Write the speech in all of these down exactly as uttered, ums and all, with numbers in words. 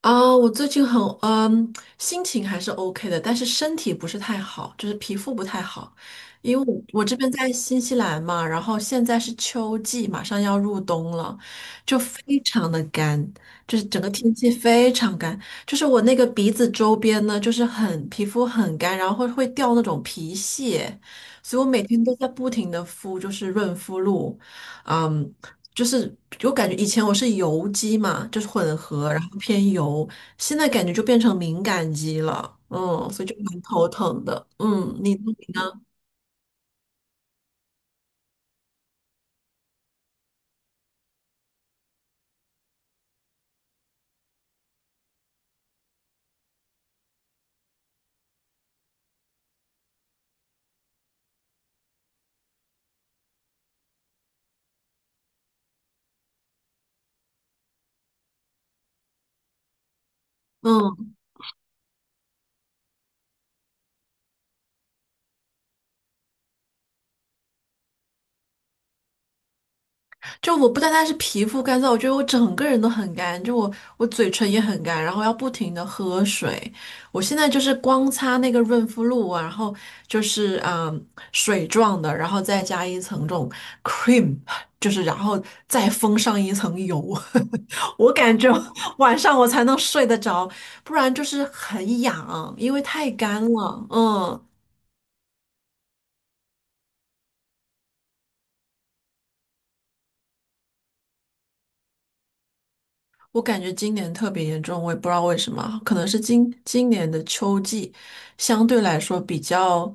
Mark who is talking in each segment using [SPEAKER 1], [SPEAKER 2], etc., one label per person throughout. [SPEAKER 1] 啊，我最近很嗯，心情还是 OK 的，但是身体不是太好，就是皮肤不太好。因为我我这边在新西兰嘛，然后现在是秋季，马上要入冬了，就非常的干，就是整个天气非常干，就是我那个鼻子周边呢，就是很皮肤很干，然后会会掉那种皮屑，所以我每天都在不停的敷，就是润肤露，嗯。就是我感觉以前我是油肌嘛，就是混合，然后偏油，现在感觉就变成敏感肌了，嗯，所以就蛮头疼的。嗯，你呢你呢？嗯。就我不单单是皮肤干燥，我觉得我整个人都很干，就我我嘴唇也很干，然后要不停的喝水。我现在就是光擦那个润肤露啊，然后就是嗯水状的，然后再加一层这种 cream，就是然后再封上一层油，我感觉晚上我才能睡得着，不然就是很痒，因为太干了，嗯。我感觉今年特别严重，我也不知道为什么，可能是今今年的秋季相对来说比较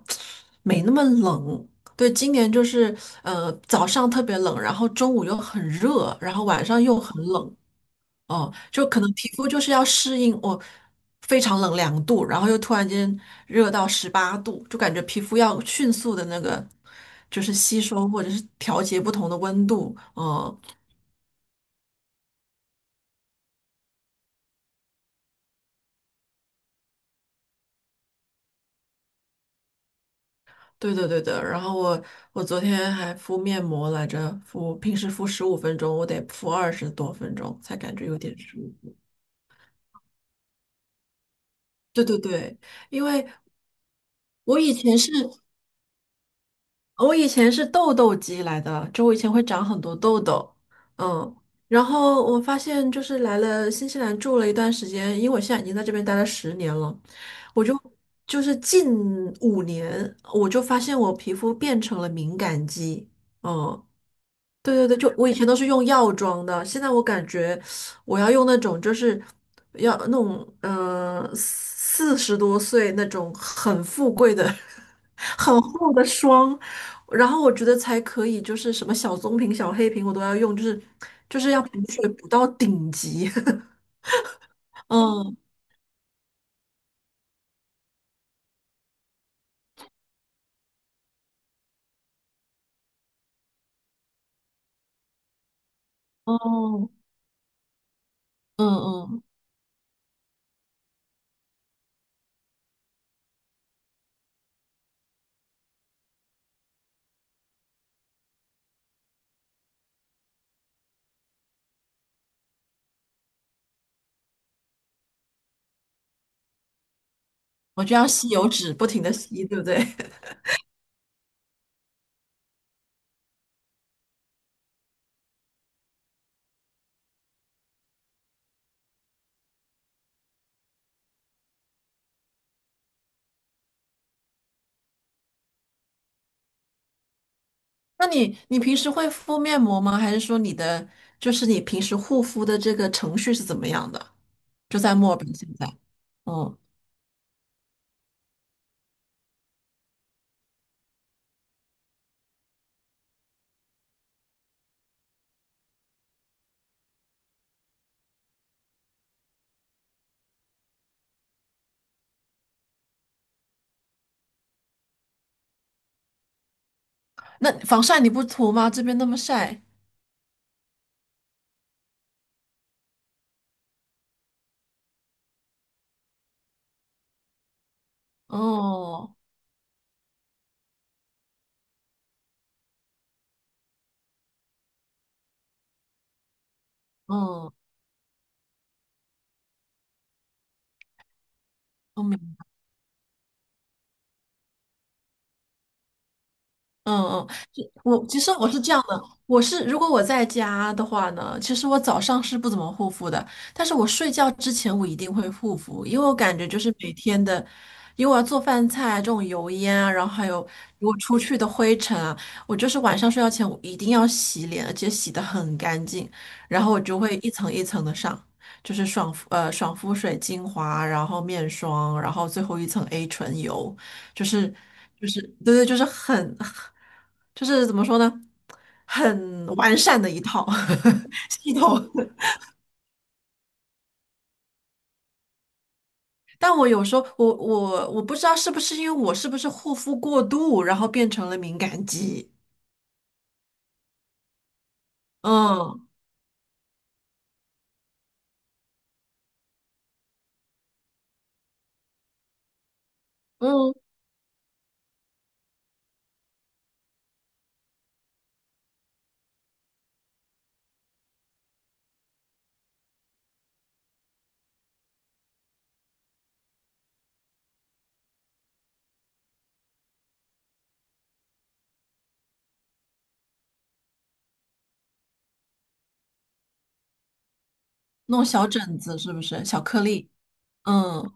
[SPEAKER 1] 没那么冷。对，今年就是呃早上特别冷，然后中午又很热，然后晚上又很冷，哦、就可能皮肤就是要适应我非常冷两度，然后又突然间热到十八度，就感觉皮肤要迅速的那个就是吸收或者是调节不同的温度，嗯、对的，对的。然后我我昨天还敷面膜来着，敷平时敷十五分钟，我得敷二十多分钟才感觉有点舒服。对对对，因为我以前是我以前是痘痘肌来的，就我以前会长很多痘痘，嗯。然后我发现就是来了新西兰住了一段时间，因为我现在已经在这边待了十年了，我就就是近五年我就发现我皮肤变成了敏感肌。嗯，对对对，就我以前都是用药妆的，现在我感觉我要用那种就是要那种呃四十多岁那种很富贵的、很厚的霜，然后我觉得才可以，就是什么小棕瓶、小黑瓶我都要用，就是就是要补水补到顶级。嗯嗯嗯嗯，我就要吸油纸不停的吸，对不对？那你你平时会敷面膜吗？还是说你的就是你平时护肤的这个程序是怎么样的？就在墨尔本现在，嗯，那防晒你不涂吗？这边那么晒，哦，哦，我明嗯嗯，就我其实我是这样的，我是如果我在家的话呢，其实我早上是不怎么护肤的，但是我睡觉之前我一定会护肤，因为我感觉就是每天的，因为我要做饭菜这种油烟啊，然后还有如果出去的灰尘啊，我就是晚上睡觉前我一定要洗脸，而且洗的很干净，然后我就会一层一层的上，就是爽肤呃爽肤水精华，然后面霜，然后最后一层 A 醇油。就是就是对对，就是很就是怎么说呢，很完善的一套 系统。但我有时候我我我不知道是不是因为我是不是护肤过度，然后变成了敏感肌。嗯嗯，那种小疹子是不是小颗粒？嗯，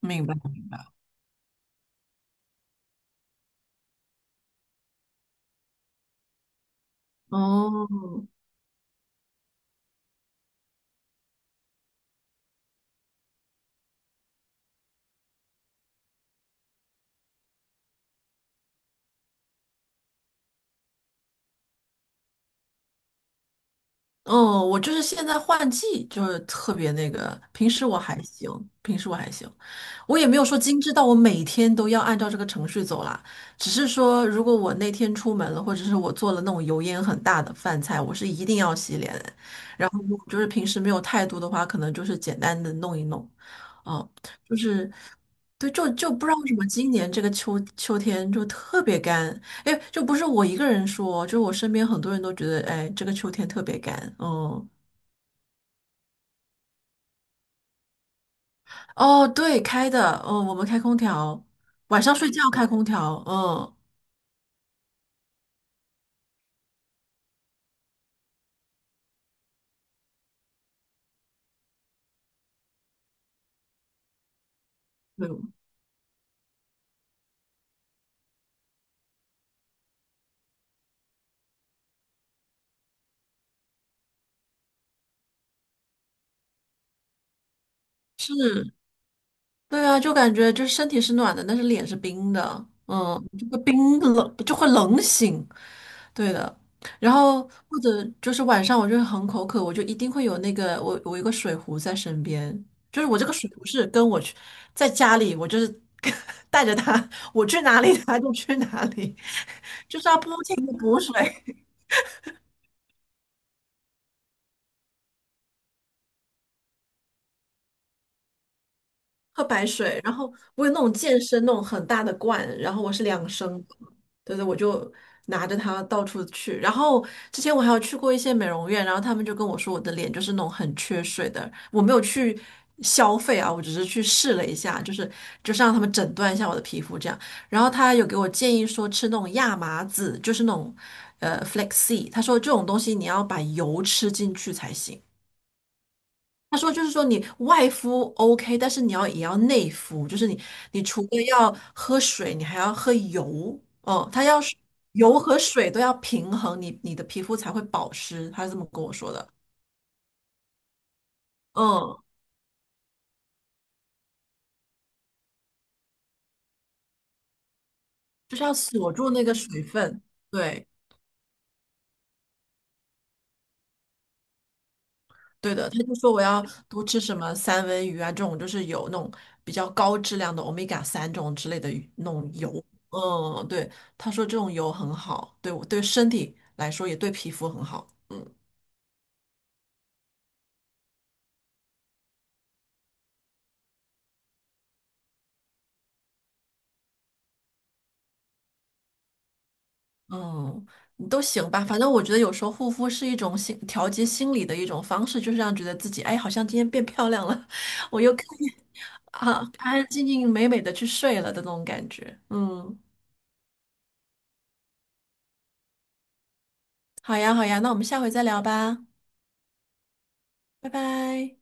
[SPEAKER 1] 明白明白。哦，嗯，我就是现在换季，就是特别那个。平时我还行，平时我还行，我也没有说精致到我每天都要按照这个程序走啦。只是说，如果我那天出门了，或者是我做了那种油烟很大的饭菜，我是一定要洗脸。然后如果就是平时没有太多的话，可能就是简单的弄一弄。嗯，就是，对，就就不知道为什么今年这个秋秋天就特别干，哎，就不是我一个人说，就是我身边很多人都觉得，哎，这个秋天特别干。嗯，哦，对，开的，嗯，我们开空调，晚上睡觉开空调，嗯，对，是，对啊，就感觉就是身体是暖的，但是脸是冰的，嗯，就会冰冷，就会冷醒，对的。然后或者就是晚上我就会很口渴，我就一定会有那个我我有一个水壶在身边，就是我这个水壶是跟我去在家里，我就是 带着它，我去哪里它就去哪里，就是要不停的补水。喝白水，然后我有那种健身那种很大的罐，然后我是两升的对对，我就拿着它到处去。然后之前我还有去过一些美容院，然后他们就跟我说我的脸就是那种很缺水的，我没有去消费啊，我只是去试了一下，就是就是让他们诊断一下我的皮肤这样。然后他有给我建议说吃那种亚麻籽，就是那种呃 flaxseed，他说这种东西你要把油吃进去才行。他说就是说你外敷 OK，但是你要也要内敷，就是你你除了要喝水，你还要喝油。哦，他要是油和水都要平衡，你你的皮肤才会保湿。他是这么跟我说的。嗯，就是要锁住那个水分。对，对的，他就说我要多吃什么三文鱼啊，这种就是有那种比较高质量的欧米伽三这种之类的鱼那种油。嗯，对，他说这种油很好，对我对身体来说也对皮肤很好。嗯。嗯，都行吧，反正我觉得有时候护肤是一种心调节心理的一种方式，就是让觉得自己哎，好像今天变漂亮了，我又可以啊安安静静美美的去睡了的那种感觉。嗯，好呀好呀，那我们下回再聊吧，拜拜。